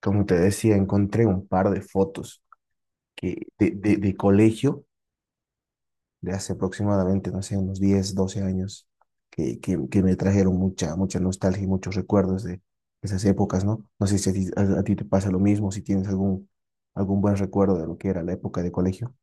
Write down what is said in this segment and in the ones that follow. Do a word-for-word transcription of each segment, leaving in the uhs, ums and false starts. Como te decía, encontré un par de fotos que, de, de, de colegio de hace aproximadamente, no sé, unos diez doce años, que, que, que me trajeron mucha, mucha nostalgia y muchos recuerdos de esas épocas, ¿no? No sé si a ti, a- a ti te pasa lo mismo, si tienes algún, algún buen recuerdo de lo que era la época de colegio.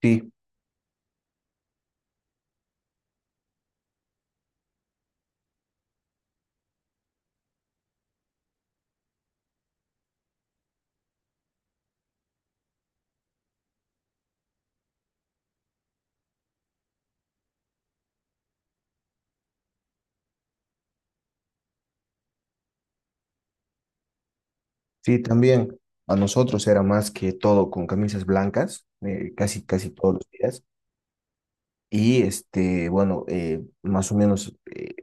Sí, sí, también a nosotros era más que todo con camisas blancas, eh, casi, casi todos los días. Y este, bueno, eh, más o menos eh,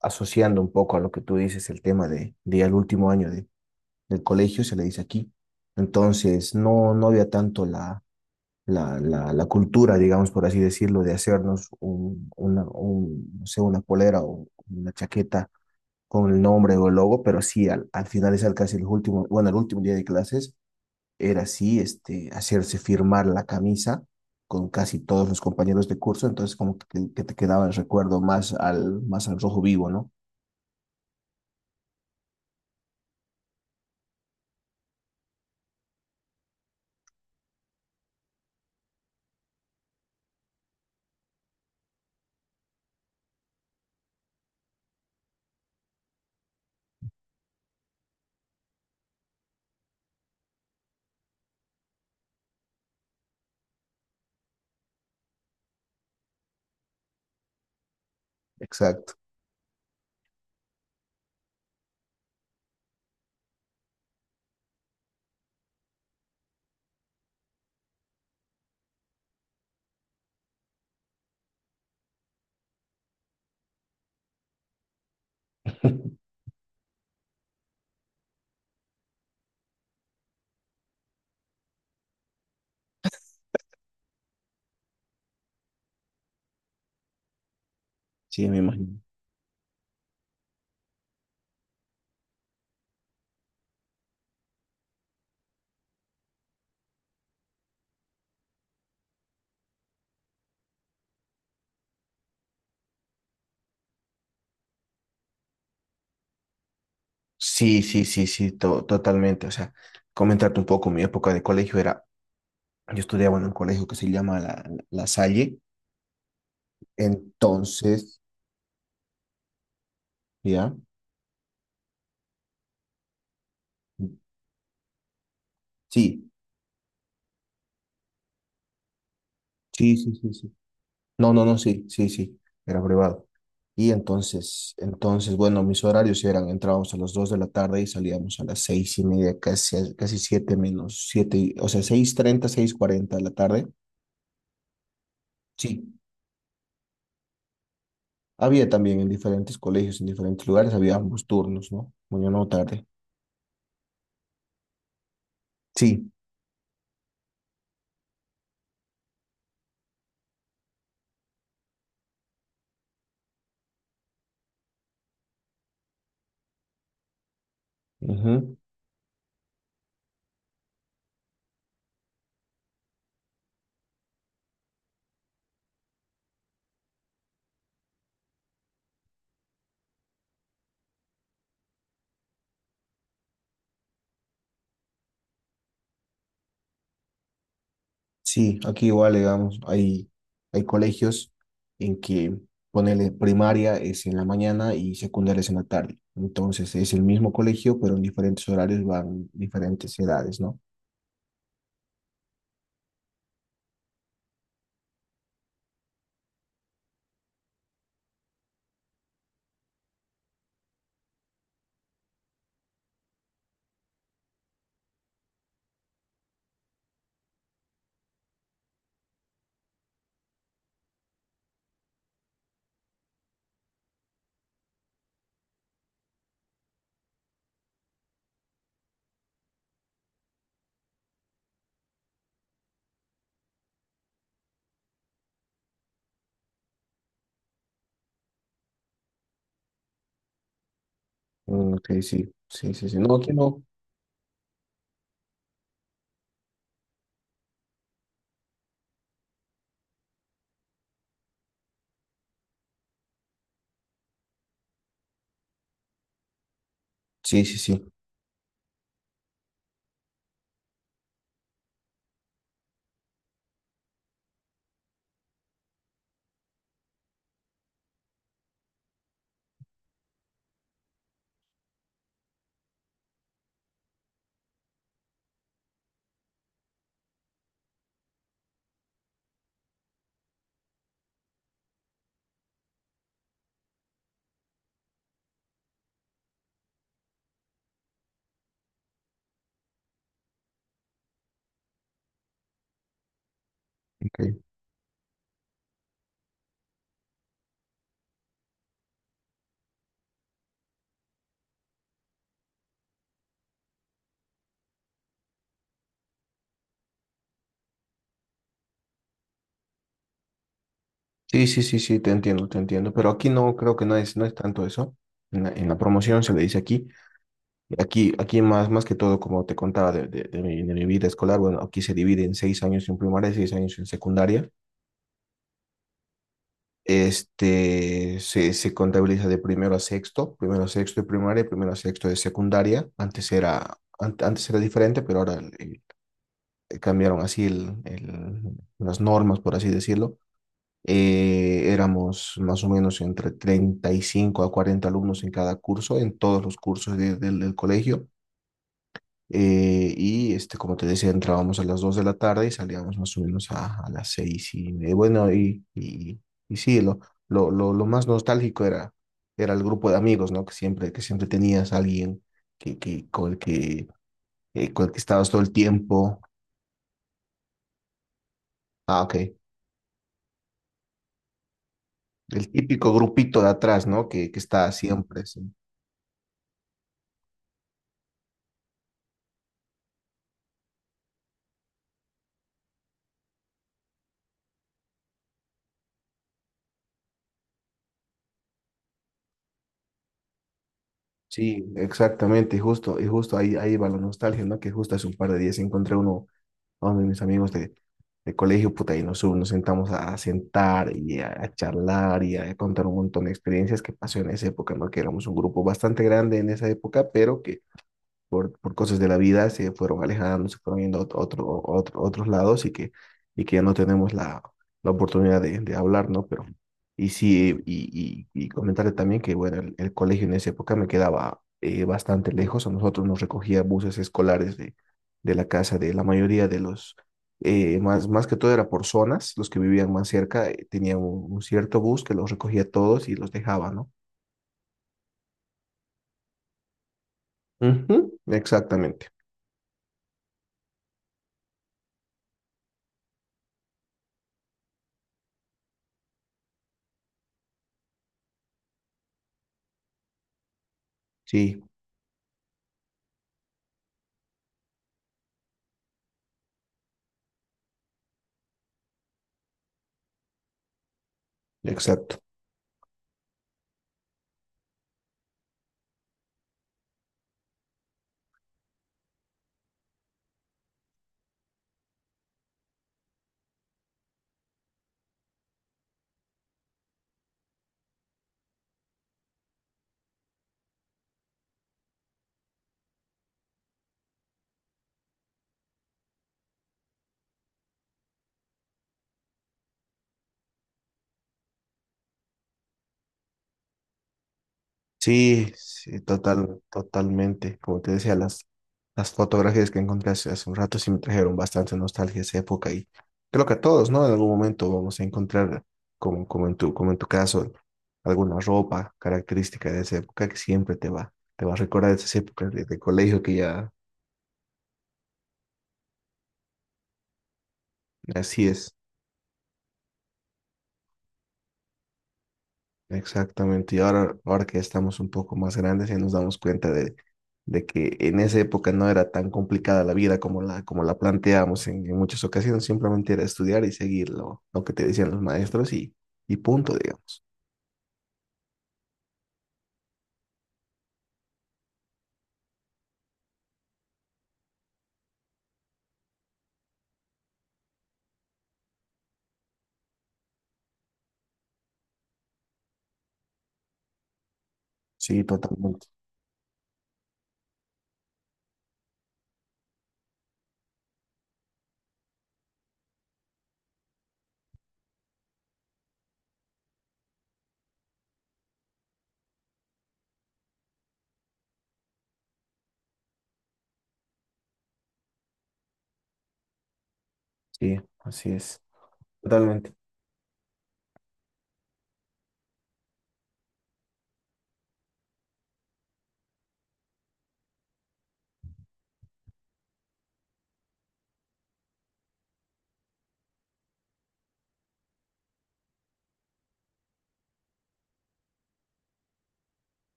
asociando un poco a lo que tú dices, el tema de, de al último año de, del colegio, se le dice aquí. Entonces, no, no había tanto la, la, la, la cultura, digamos, por así decirlo, de hacernos un, una, un, no sé, una polera o una chaqueta con el nombre o el logo, pero sí, al, al finalizar casi el último, bueno, el último día de clases, era así, este, hacerse firmar la camisa con casi todos los compañeros de curso, entonces como que, que te quedaba el recuerdo más al, más al rojo vivo, ¿no? Exacto. Sí, me imagino. Sí, sí, sí, sí, to- totalmente. O sea, comentarte un poco, mi época de colegio era, yo estudiaba en un colegio que se llama La, La Salle, entonces, ¿ya? Sí, sí, sí, sí, sí. No, no, no, sí, sí, sí, era privado. Y entonces, entonces, bueno, mis horarios eran, entrábamos a las dos de la tarde y salíamos a las seis y media, casi, casi siete menos siete, o sea, seis treinta seis cuarenta de la tarde. Sí, había también en diferentes colegios, en diferentes lugares, había ambos turnos, ¿no? Mañana o tarde. Sí, ujú. Sí, aquí igual, digamos, hay, hay colegios en que ponele primaria es en la mañana y secundaria es en la tarde. Entonces es el mismo colegio, pero en diferentes horarios van diferentes edades, ¿no? Mm, ok, sí, sí, sí, sí. No, aquí no. Sí, sí, sí. Okay. Sí, sí, sí, sí, te entiendo, te entiendo. Pero aquí no, creo que no es, no es tanto eso. En la, en la promoción se le dice aquí. Aquí, aquí más, más que todo, como te contaba de, de- de mi, de mi vida escolar, bueno, aquí se divide en seis años en primaria y seis años en secundaria. Este, se, se contabiliza de primero a sexto, primero a sexto de primaria, primero a sexto de secundaria. Antes era, an- antes era diferente, pero ahora eh, cambiaron así el- el- las normas, por así decirlo. Eh, éramos más o menos entre treinta y cinco a cuarenta alumnos en cada curso, en todos los cursos de- del del colegio. Eh, y este, como te decía, entrábamos a las dos de la tarde y salíamos más o menos a, a las seis y media. Bueno, y, y, y sí, lo, lo, lo, lo más nostálgico era, era el grupo de amigos, ¿no? Que siempre, que siempre tenías a alguien que, que, con el que, eh, con el que estabas todo el tiempo. Ah, ok. El típico grupito de atrás, ¿no? Que, que está siempre. Sí, sí, exactamente, y justo, y justo ahí, ahí va la nostalgia, ¿no? Que justo hace un par de días encontré uno. Hombre, mis amigos de, de colegio, puta, ahí nos, nos sentamos a sentar y a, a charlar y a contar un montón de experiencias que pasó en esa época, ¿no? Que éramos un grupo bastante grande en esa época, pero que por, por cosas de la vida se fueron alejando, se fueron yendo a otro, otro- otro- otros lados y que, y que ya no tenemos la, la oportunidad de, de hablar, ¿no? Pero, y sí, y, y, y comentarle también que, bueno, el, el colegio en esa época me quedaba eh, bastante lejos, a nosotros nos recogía buses escolares de, de la casa de la mayoría de los, eh, más, más que todo era por zonas, los que vivían más cerca eh, tenían un, un cierto bus que los recogía a todos y los dejaba, ¿no? Ujú, exactamente, sí, exacto. Sí, sí, total, totalmente. Como te decía, las, las fotografías que encontré hace, hace un rato sí me trajeron bastante nostalgia a esa época y creo que a todos, ¿no? En algún momento vamos a encontrar, como, como en tu, como en tu caso, alguna ropa característica de esa época que siempre te va, te va a recordar esas épocas de, de colegio que ya así es. Exactamente, y ahora, ahora que estamos un poco más grandes y nos damos cuenta de, de que en esa época no era tan complicada la vida como la, como la planteamos en, en muchas ocasiones, simplemente era estudiar y seguir lo, lo que te decían los maestros y, y punto, digamos. Sí, totalmente, sí, así es, totalmente,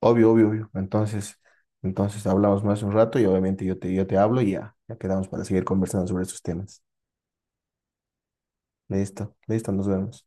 obvio, obvio, obvio. Entonces, entonces hablamos más un rato y obviamente yo te, yo te hablo y ya, ya quedamos para seguir conversando sobre esos temas. Listo, listo, nos vemos.